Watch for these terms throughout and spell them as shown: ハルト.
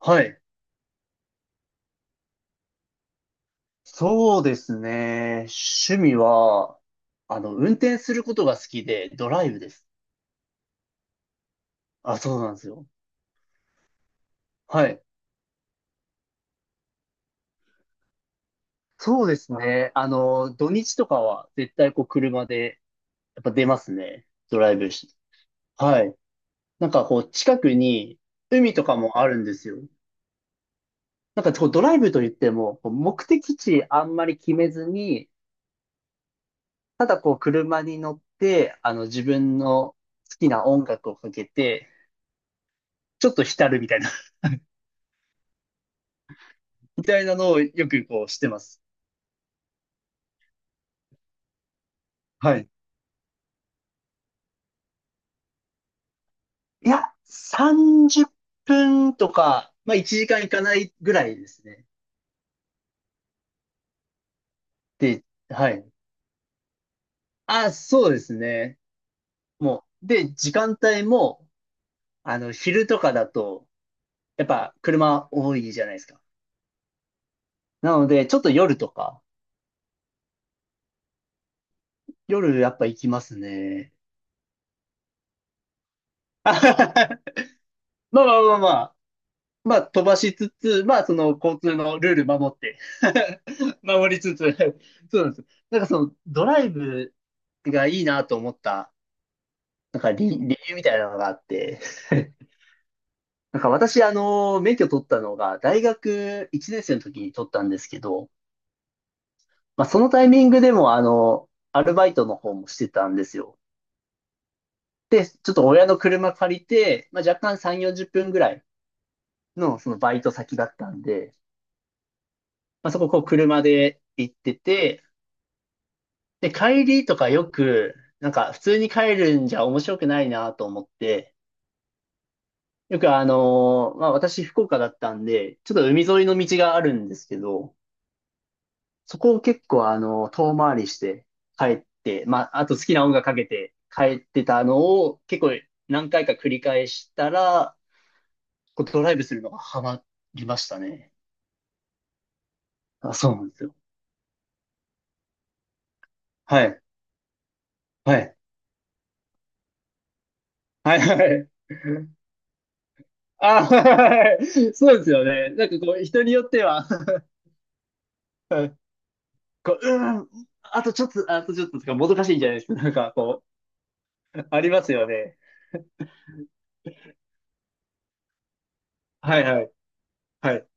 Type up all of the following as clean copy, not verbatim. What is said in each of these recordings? はい。そうですね。趣味は、あの、運転することが好きで、ドライブです。あ、そうなんですよ。はい。そうですね。あの、土日とかは絶対こう車で、やっぱ出ますね。ドライブし。はい。なんかこう近くに海とかもあるんですよ。なんかこうドライブといっても、こう目的地あんまり決めずに、ただこう車に乗って、あの自分の好きな音楽をかけて、ちょっと浸るみたいなのをよくこうしてます。はい。いや、30分とか、まあ1時間いかないぐらいですね。で、はい。あ、そうですね。もう、で、時間帯も、あの、昼とかだと、やっぱ車多いじゃないですか。なので、ちょっと夜とか、夜やっぱ行きますね。まあまあまあまあ、まあ飛ばしつつ、まあその交通のルール守って。 守りつつ、そうなんです。なんかそのドライブがいいなと思った、なんか理由みたいなのがあって、なんか私、あの、免許取ったのが、大学1年生の時に取ったんですけど、まあ、そのタイミングでも、あの、アルバイトの方もしてたんですよ。で、ちょっと親の車借りて、まあ、若干3、40分ぐらいの、そのバイト先だったんで、まあ、そこ、こう、車で行ってて、で、帰りとかよく、なんか、普通に帰るんじゃ面白くないなと思って、よくまあ私福岡だったんで、ちょっと海沿いの道があるんですけど、そこを結構あの遠回りして帰って、まああと好きな音楽かけて帰ってたのを結構何回か繰り返したら、こうドライブするのがハマりましたね。あ、そうなんですよ。はい。はい。はい。はい。あ、はい。そうですよね。なんかこう人によっては、はい。 こう、うーん、あとちょっと、あとちょっととかもどかしいんじゃないですか。なんかこう、ありますよね。はいはい。はい。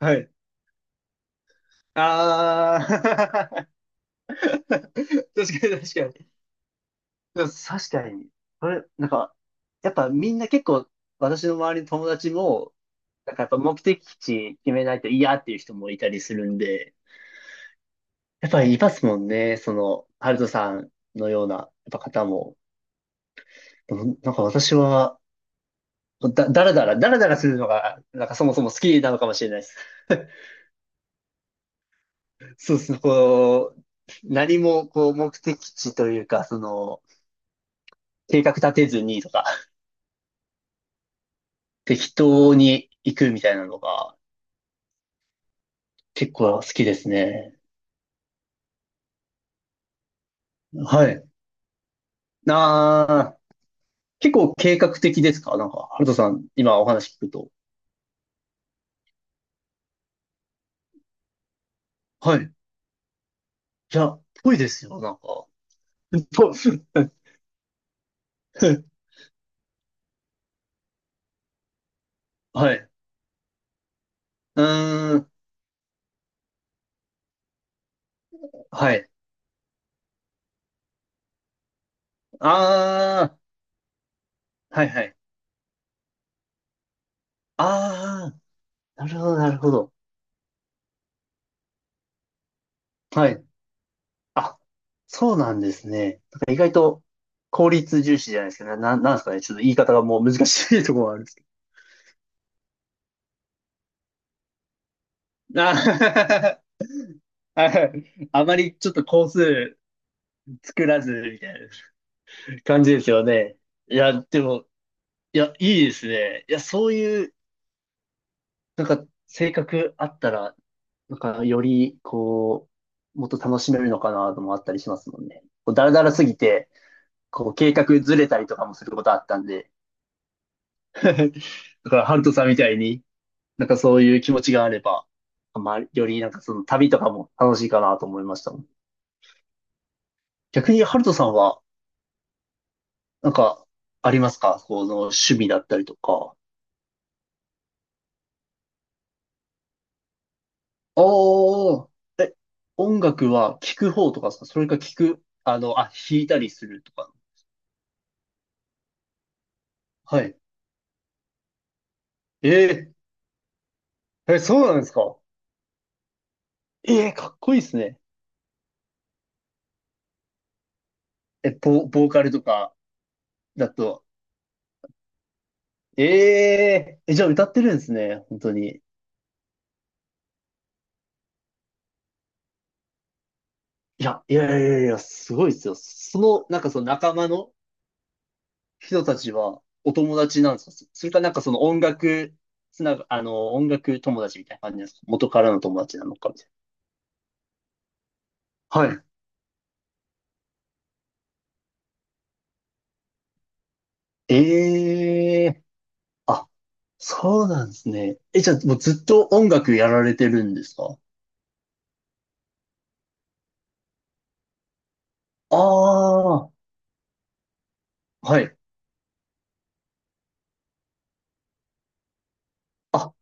はい。ああ。 確かに確かに。でも確かに。これ、なんか、やっぱみんな結構、私の周りの友達も、なんかやっぱ目的地決めないと嫌っていう人もいたりするんで、やっぱりいますもんね。その、ハルトさんのような、やっぱ方も。でもなんか私は、だらだら、だらだらするのが、なんかそもそも好きなのかもしれないです。そうですね。こう、何もこう目的地というか、その、計画立てずにとか、適当に行くみたいなのが結構好きですね。はい。なあー、結構計画的ですか、なんか、ハルトさん、今お話聞くと。はい。いや、ぽいですよ、なんか。ぽ。 はい。うーん。はい。ああ、はいはい。ああ、なるほど、なるほど。はい。あ、そうなんですね。なんか意外と効率重視じゃないですけど、なんですかね。ちょっと言い方がもう難しいところがある。あ、あまりちょっと工数作らずみたいな感じですよね。いや、でも、いや、いいですね。いや、そういう、なんか、性格あったら、なんか、より、こう、もっと楽しめるのかなともあったりしますもんね。こう、だらだらすぎて、こう、計画ずれたりとかもすることあったんで、だから、ハルトさんみたいに、なんかそういう気持ちがあれば、まあ、よりなんかその旅とかも楽しいかなと思いましたもん。逆に、ハルトさんは、なんか、ありますか、この趣味だったりとか。おー、え、音楽は聴く方とかですか、それか聴く、あの、あ、弾いたりするとか。はい。えー、え、そうなんですか。えー、かっこいいですね。え、ボーカルとかだと。えええ、じゃあ歌ってるんですね、本当に。いや、いやいやいや、すごいですよ。その、なんかその仲間の、人たちはお友達なんですか、それかなんかその音楽つなが、あの、音楽友達みたいな感じなんですか、元からの友達なのかみたいな。はい。ええ、あ、そうなんですね。え、じゃあもうずっと音楽やられてるんですか。ああー、はい。あ、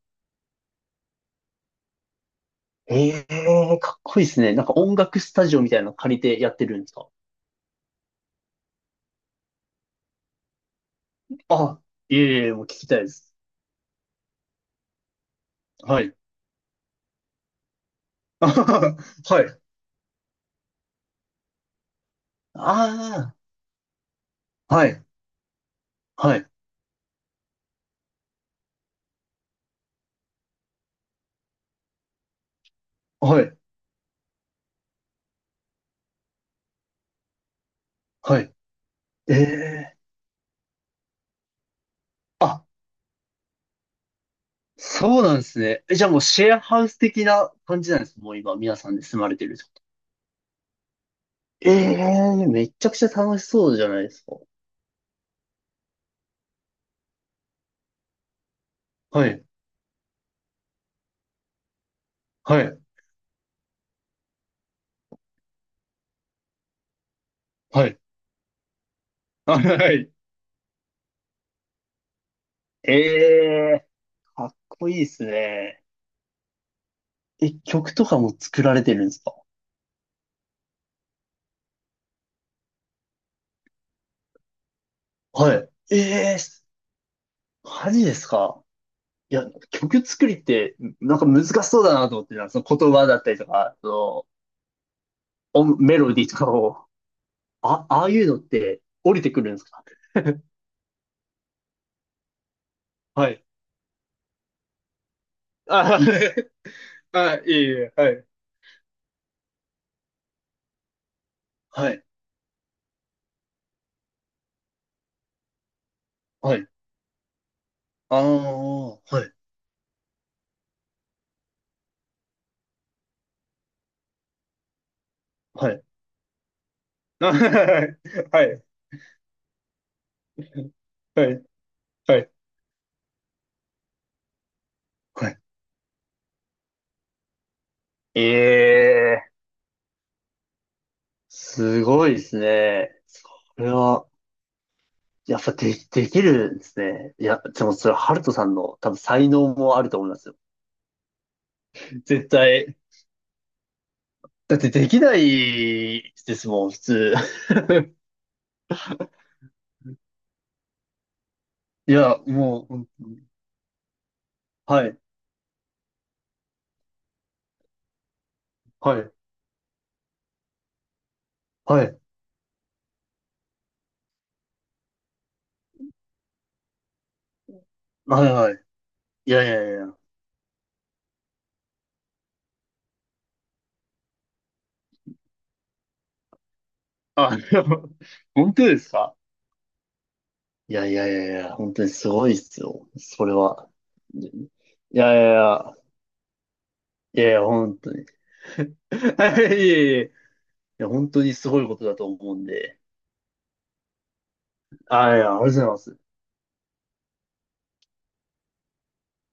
ええ、かっこいいですね。なんか音楽スタジオみたいなの借りてやってるんですか。あ、いえいえ、もう聞きたいです。はい。はい。ああ、はい。はい。はい。はい。ええ、あ、そうなんですね。え、じゃあもうシェアハウス的な感じなんです。もう今、皆さんで住まれてるってこと。ええ、めちゃくちゃ楽しそうじゃないですか。はい、はい、はい。あ、はい。ええ、かっこいいですね。え、曲とかも作られてるんですか。はい。ええ、マジですか。いや、曲作りって、なんか難しそうだなと思ってた、その言葉だったりとか、その、音メロディーとかを、あ、ああいうのって降りてくるんですか。はい。あ、あ、いえいえ、はい。はい。はい。ああ、はい。はい。あ。 はい。はい。はい。はい。はい。ええ、すごいですね。これは、やっぱで、できるんですね。いや、でもそれ、ハルトさんの多分才能もあると思いますよ。絶対。だってできないですもん、普通。いや、もう、本当に。はい。はい。はい。はい。はい。いやいやいや。あ、でも本当ですか。いやいやいやいや、本当にすごいっすよ。それは。いやいやいや、いやいや、本当に。いやいやいや、いや本当にすごいことだと思うんで。あ、いや、ありがとうございます。